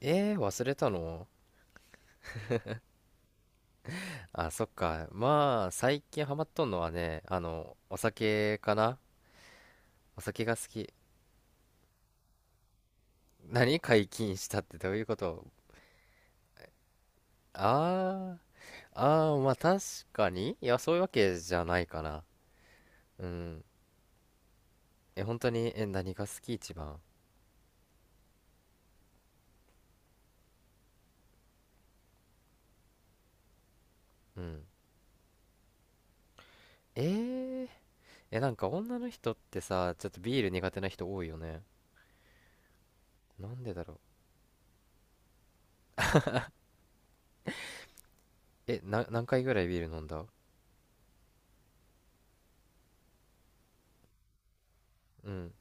えー、忘れたの？あ、そっか。まあ、最近ハマっとんのはね、お酒かな。お酒が好き。何解禁したってどういうこと？あー、ああー、まあ確かに。いや、そういうわけじゃないかな。うん。え、本当に？え、何が好き、一番？うん。えー、え、なんか女の人ってさ、ちょっとビール苦手な人多いよね。なんでだろう。え、何回ぐらいビール飲んだ？うん。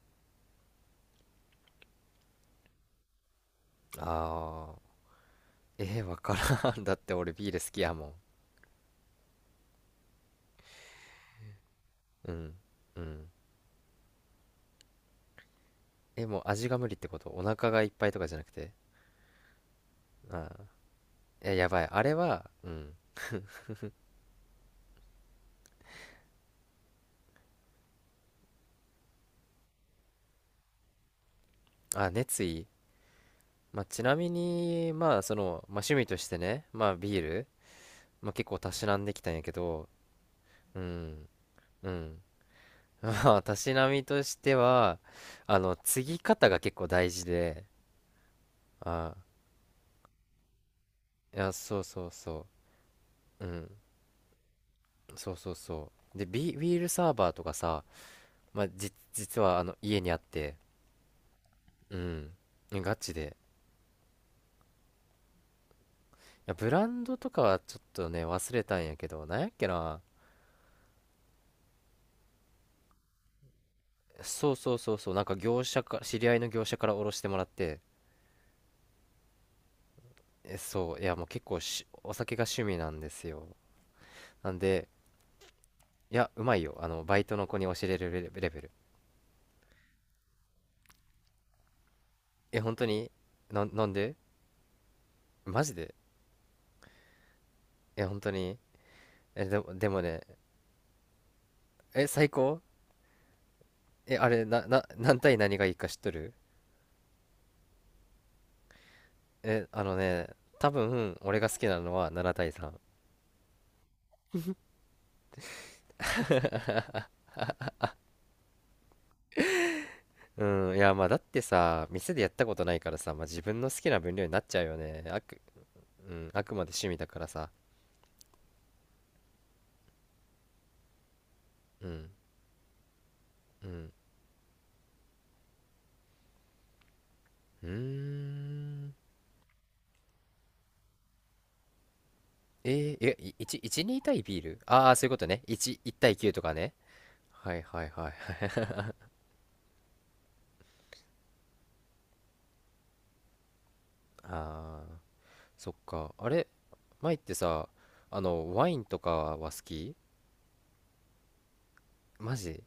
あー、わからん。だって俺ビール好きやもん。うんうん。え、もう味が無理ってこと？お腹がいっぱいとかじゃなくて？ああ。え、やばい、あれは。うん。あ、熱意？まあ、ちなみに、まあ、その、まあ、趣味としてね、まあビール、まあ、結構たしなんできたんやけど。うん、うん。 まあ、たしなみとしては、継ぎ方が結構大事で。ああ。いや、そうそうそう。うん。そうそうそう。で、ビールサーバーとかさ、まあ、実はあの家にあって。うん。ガチで。や、ブランドとかはちょっとね、忘れたんやけど、なんやっけな。そうそうそうそう、なんか業者か、知り合いの業者からおろしてもらって、え、そう、いや、もう結構、お酒が趣味なんですよ。なんで、いや、うまいよ。バイトの子に教えれるレベル。え、本当に？なんで？マジで？え、本当に？え、でもね、え、最高？え、あれ、何対何がいいか知っとる？え、あのね、多分、俺が好きなのは7対3。うん、いやまあだってさ、店でやったことないからさ、まあ、自分の好きな分量になっちゃうよね。うん、あくまで趣味だからさ。うん、うん、うーん。ええ、1、1、2対ビール。ああー、そういうことね。1、1対9とかね。はいはいはい。ああ、そっか。あれ、前ってさ、ワインとかは好き？マジ？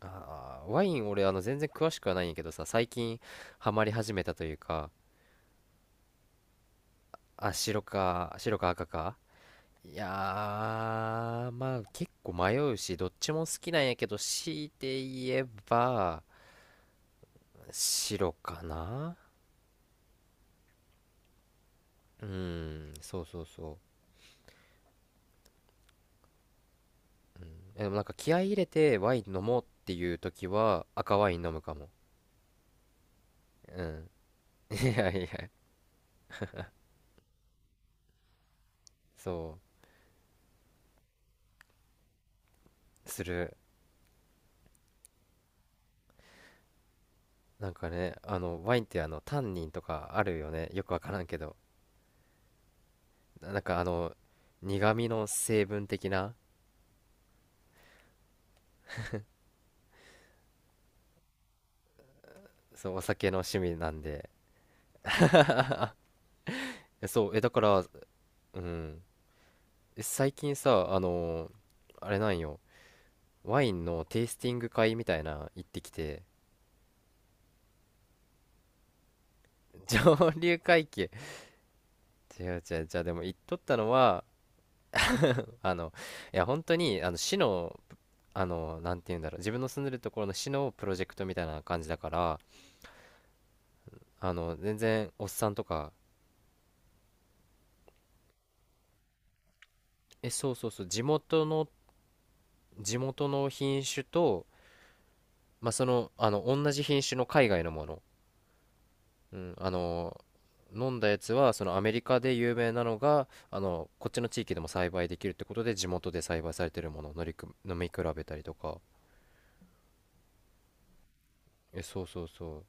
ああー、ワイン俺、全然詳しくはないんやけどさ、最近ハマり始めたというか、あ、白か赤か？いやー、まあ結構迷うし、どっちも好きなんやけど、強いて言えば、白かな。うん、そうそうそう。え、でもなんか気合い入れてワイン飲もうっていう時は赤ワイン飲むかも。うん。いやいや、そう、する。なんかね、ワインってタンニンとかあるよね。よくわからんけど。なんか苦味の成分的な、そう、お酒の趣味なんで。え、そう、え、だから、うん。最近さ、あれなんよ、ワインのテイスティング会みたいな行ってきて、上流階級、違う違う、じゃあでも行っとったのは、あの、いや本当に、市の、なんて言うんだろう、自分の住んでるところの市のプロジェクトみたいな感じだから、全然おっさんとか、え、そうそうそう、地元の品種と、まあ、同じ品種の海外のもの。うん、飲んだやつはそのアメリカで有名なのがこっちの地域でも栽培できるってことで、地元で栽培されてるものを乗りく飲み比べたりとか。え、そうそうそう。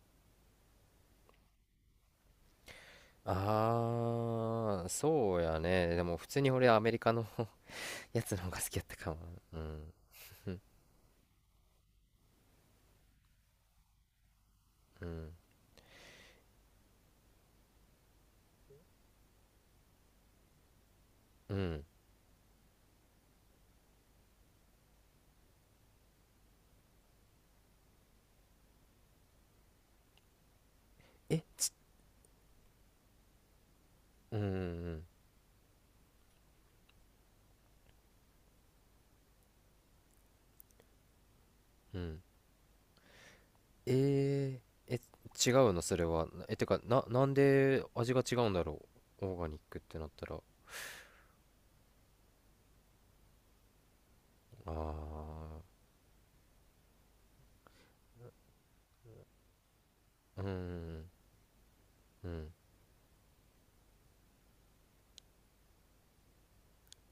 ああー、そうやね。でも普通に俺アメリカの やつの方が好きやったかも。うん、うん、うん。えちうん、うん、うん。ええ、違うのそれは？え、てかな、なんで味が違うんだろう？オーガニックってなったら。ああー。うん、うん。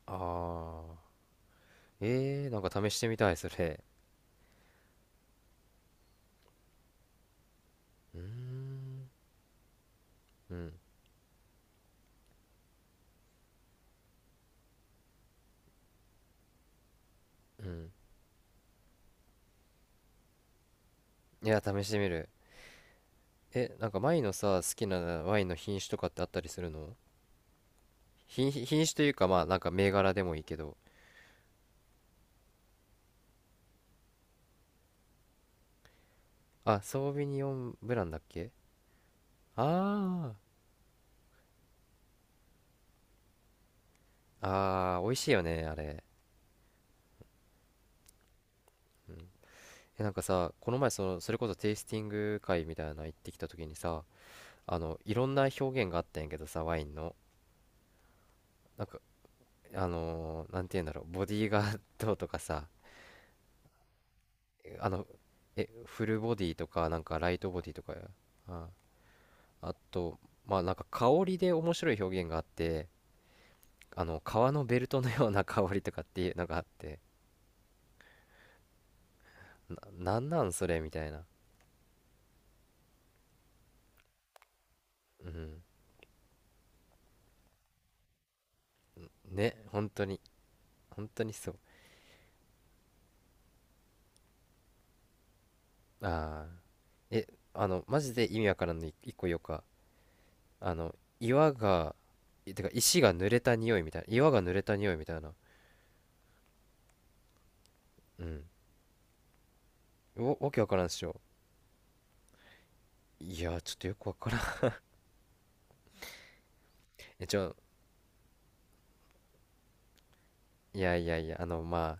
ああ。えー、なんか試してみたい、それ。うーん。うん。うん。いや、試してみる。え、なんか前のさ、好きなワインの品種とかってあったりするの？品種というか、まあ、なんか銘柄でもいいけど。あ、ソービニオンブランだっけ？ああ。ああ、美味しいよね、あれ。え、なんかさ、この前、それこそテイスティング会みたいなの行ってきた時にさ、いろんな表現があったんやけどさ、ワインの。なんか、なんて言うんだろう、ボディーガードとかさ、あの、え、フルボディとか、なんかライトボディとかや、あ、あと、まあなんか香りで面白い表現があって、革のベルトのような香りとかっていうのがあって、な、なんなん、それみたいな。うん。ね、本当に、本当にそう。ああ。え、マジで意味わからんのい一個よか。あの、岩が、いてか石が濡れた匂いみたいな。岩が濡れた匂いみたいな。うん。わけわからんっしょ。いや、ちょっとよくわからん。え、じゃあ、いやいやいや、まあ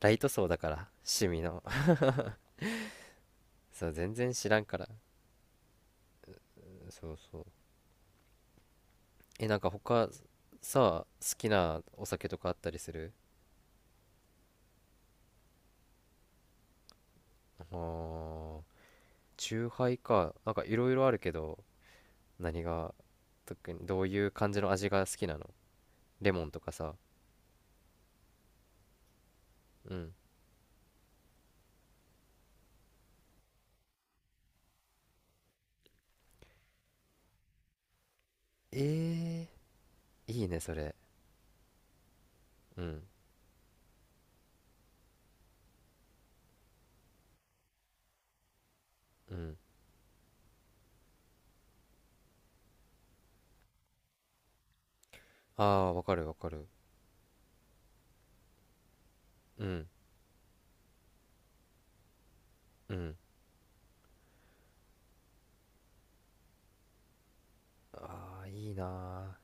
ライト層だから、趣味の。 そう、全然知らんから。そうそう。え、なんか他さ、好きなお酒とかあったりする？あー、チューハイか。なんかいろいろあるけど、何が特にどういう感じの味が好きなの？レモンとかさ。うん。えー、いいね、それ。うん。うん。ああー、わかるわかる。うん。うん。ああー、いいな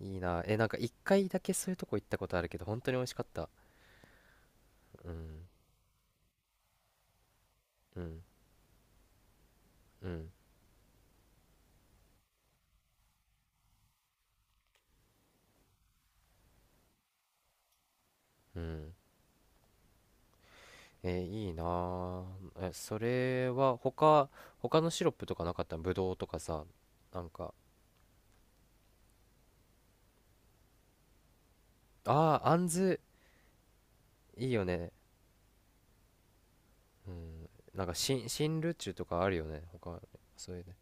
ー。いいなー。え、なんか一回だけそういうとこ行ったことあるけど、本当に美味しかった。うん、うん、うん、うん。えー、いいな。あ、え、それは他、他のシロップとかなかった？ぶどうとかさ、なんか、ああー、あんず。いいよね。うん、なんか新ルチュとかあるよね、他。そういうね。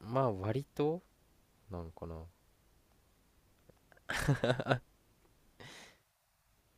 まあ割と、なんかな。